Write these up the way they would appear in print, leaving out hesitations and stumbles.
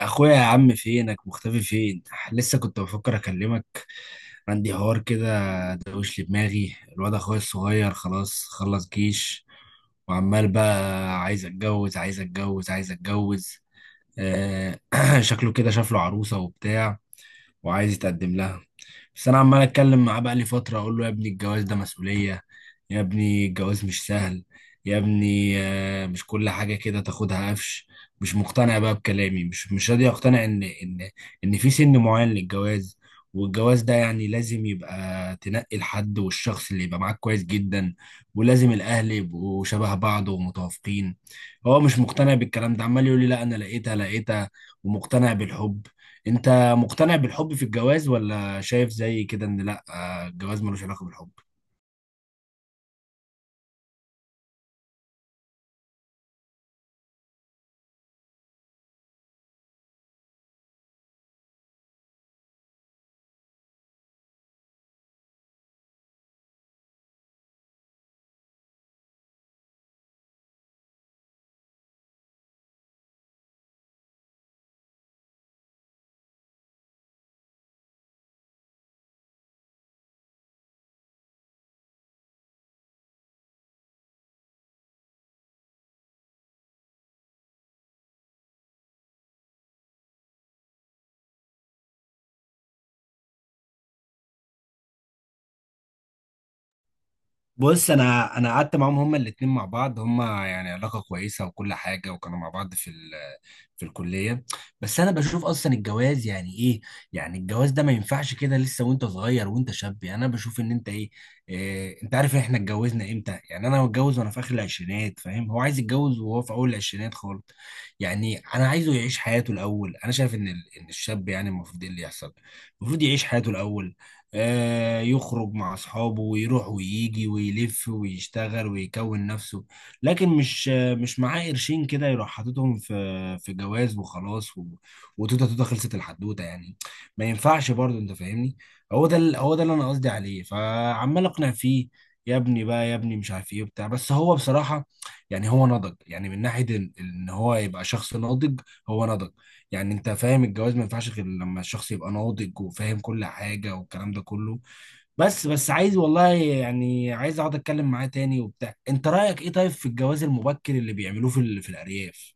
اخويا يا عم، فينك؟ مختفي فين؟ لسه كنت بفكر اكلمك. عندي حوار كده. دوش لي دماغي، الواد اخويا الصغير خلاص خلص جيش، وعمال بقى: عايز اتجوز، عايز اتجوز، عايز اتجوز. آه شكله كده شاف له عروسة وبتاع، وعايز يتقدم لها. بس انا عمال اتكلم معاه بقى لي فتره، اقول له يا ابني الجواز ده مسؤوليه، يا ابني الجواز مش سهل، يا ابني، مش كل حاجه كده تاخدها قفش. مش مقتنع بقى بكلامي، مش راضي اقتنع ان ان في سن معين للجواز. والجواز ده يعني لازم يبقى تنقي الحد والشخص اللي يبقى معاك كويس جدا، ولازم الاهل يبقوا شبه بعض ومتوافقين. هو مش مقتنع بالكلام ده، عمال يقول لي لا انا لقيتها لقيتها، ومقتنع بالحب. انت مقتنع بالحب في الجواز، ولا شايف زي كده ان لا، الجواز ملوش علاقه بالحب؟ بص، انا قعدت معاهم هما الاتنين مع بعض، هما يعني علاقه كويسه وكل حاجه، وكانوا مع بعض في الكليه. بس انا بشوف اصلا الجواز يعني ايه. يعني الجواز ده ما ينفعش كده لسه وانت صغير وانت شاب، يعني انا بشوف ان انت إيه، انت عارف احنا اتجوزنا امتى؟ يعني انا متجوز وانا في اخر العشرينات فاهم، هو عايز يتجوز وهو في اول العشرينات خالص. يعني انا عايزه يعيش حياته الاول، انا شايف ان ان الشاب يعني المفروض ايه اللي يحصل؟ المفروض يعيش حياته الاول، يخرج مع أصحابه ويروح ويجي ويلف ويشتغل ويكون نفسه، لكن مش مش معاه قرشين كده يروح حاططهم في جواز وخلاص وتوتة توتة خلصت الحدوتة يعني. ما ينفعش برضه، أنت فاهمني. هو ده هو ده اللي أنا قصدي عليه، فعمال أقنع فيه يا ابني بقى، يا ابني مش عارف ايه وبتاع. بس هو بصراحة يعني هو نضج، يعني من ناحية إن هو يبقى شخص ناضج، هو نضج. يعني انت فاهم، الجواز ما ينفعش غير لما الشخص يبقى ناضج وفاهم كل حاجة والكلام ده كله. بس عايز والله، يعني عايز اقعد اتكلم معاه تاني وبتاع. انت رأيك ايه طيب في الجواز المبكر اللي بيعملوه في الارياف؟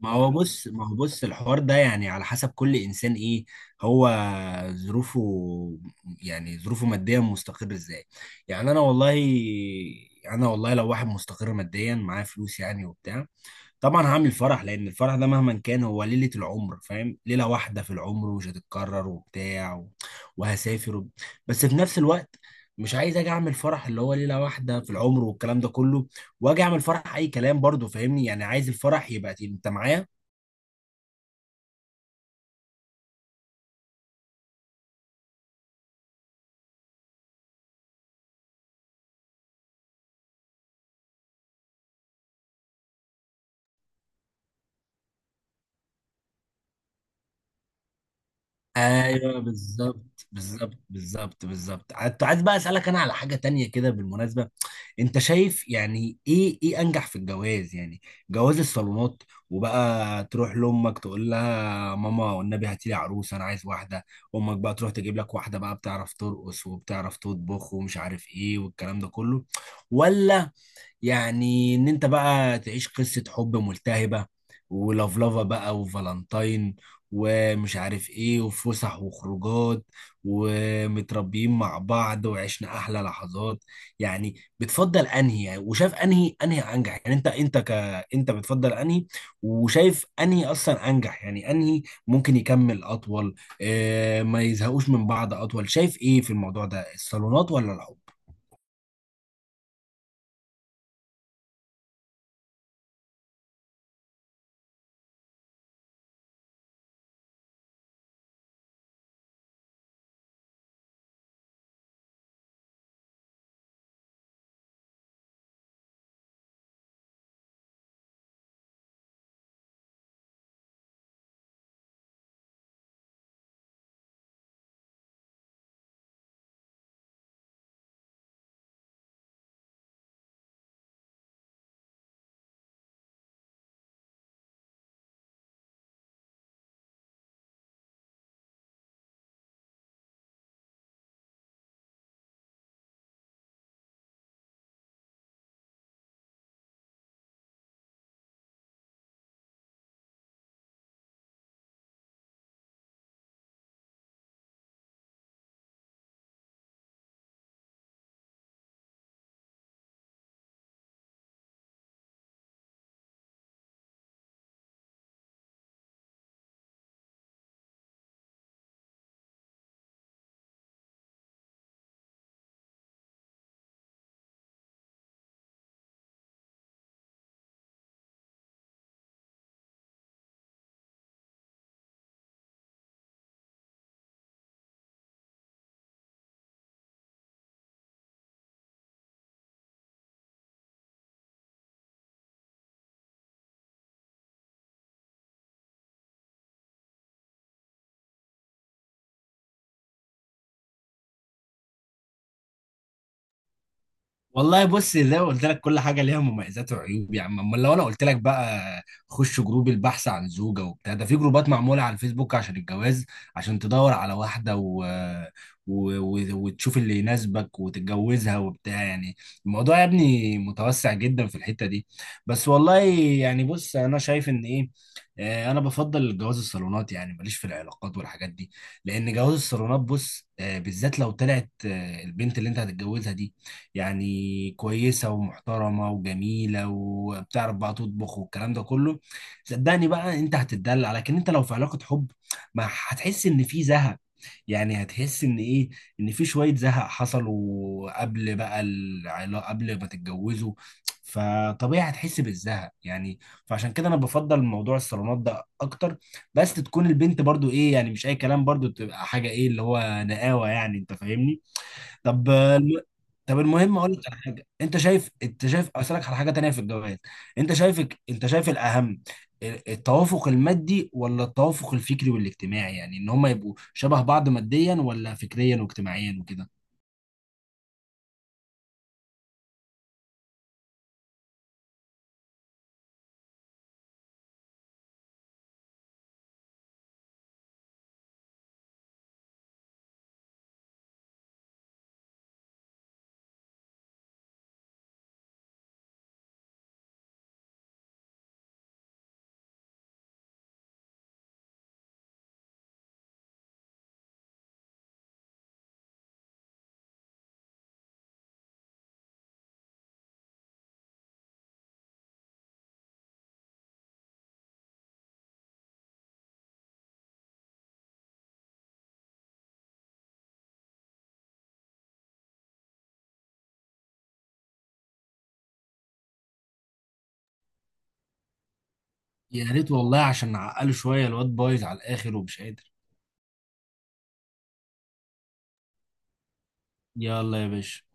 ما هو بص، ما هو بص الحوار ده يعني على حسب كل انسان، ايه هو ظروفه؟ يعني ظروفه ماديا مستقر ازاي؟ يعني انا والله، انا والله لو واحد مستقر ماديا معاه فلوس يعني وبتاع، طبعا هعمل فرح، لان الفرح ده مهما كان هو ليلة العمر، فاهم، ليلة واحدة في العمر ومش هتتكرر وبتاع وهسافر بس في نفس الوقت مش عايز اجي اعمل فرح اللي هو ليلة واحدة في العمر والكلام ده كله، واجي اعمل فرح اي كلام برضو، فاهمني، يعني عايز الفرح يبقى انت معايا. ايوه، بالظبط، بالظبط، بالظبط، بالظبط. كنت عايز بقى اسالك انا على حاجه تانية كده بالمناسبه، انت شايف يعني ايه، انجح في الجواز؟ يعني جواز الصالونات، وبقى تروح لامك تقول لها ماما والنبي هاتي لي عروس، انا عايز واحده، امك بقى تروح تجيب لك واحده بقى بتعرف ترقص وبتعرف تطبخ ومش عارف ايه والكلام ده كله، ولا يعني ان انت بقى تعيش قصة حب ملتهبة ولفلفة بقى، وفالنتاين، ومش عارف ايه، وفسح وخروجات، ومتربيين مع بعض وعشنا احلى لحظات؟ يعني بتفضل انهي يعني، وشايف انهي انجح يعني؟ انت بتفضل انهي، وشايف انهي اصلا انجح يعني؟ انهي ممكن يكمل اطول، ما يزهقوش من بعض اطول؟ شايف ايه في الموضوع ده، الصالونات ولا الحب؟ والله بص، زي ما قلت لك كل حاجه ليها مميزات وعيوب. يا عم، امال لو انا قلت لك بقى خش جروب البحث عن زوجه وبتاع، ده في جروبات معموله على الفيسبوك عشان الجواز، عشان تدور على واحده وتشوف اللي يناسبك وتتجوزها وبتاع يعني. الموضوع يا ابني متوسع جدا في الحته دي. بس والله يعني بص، انا شايف ان ايه، انا بفضل الجواز الصالونات، يعني ماليش في العلاقات والحاجات دي، لان جواز الصالونات بص، بالذات لو طلعت البنت اللي انت هتتجوزها دي يعني كويسة ومحترمة وجميلة وبتعرف بقى تطبخ والكلام ده كله، صدقني بقى انت هتتدلع. لكن انت لو في علاقة حب، ما هتحس ان في زهق، يعني هتحس ان ايه، ان في شوية زهق حصلوا قبل بقى العلاقة، قبل ما تتجوزوا، فطبيعي هتحس بالزهق يعني. فعشان كده انا بفضل موضوع الصالونات ده اكتر، بس تكون البنت برضو ايه، يعني مش اي كلام، برضو تبقى حاجة ايه اللي هو نقاوة يعني، انت فاهمني. طب الم- طب المهم اقول لك على حاجه، انت شايف اسالك على حاجه تانية في الجواز، انت شايف الاهم، التوافق المادي ولا التوافق الفكري والاجتماعي؟ يعني ان هم يبقوا شبه بعض ماديا ولا فكريا واجتماعيا وكده. يا ريت والله عشان نعقله شويه، الواد بايظ على الاخر ومش قادر. يلا يا باشا.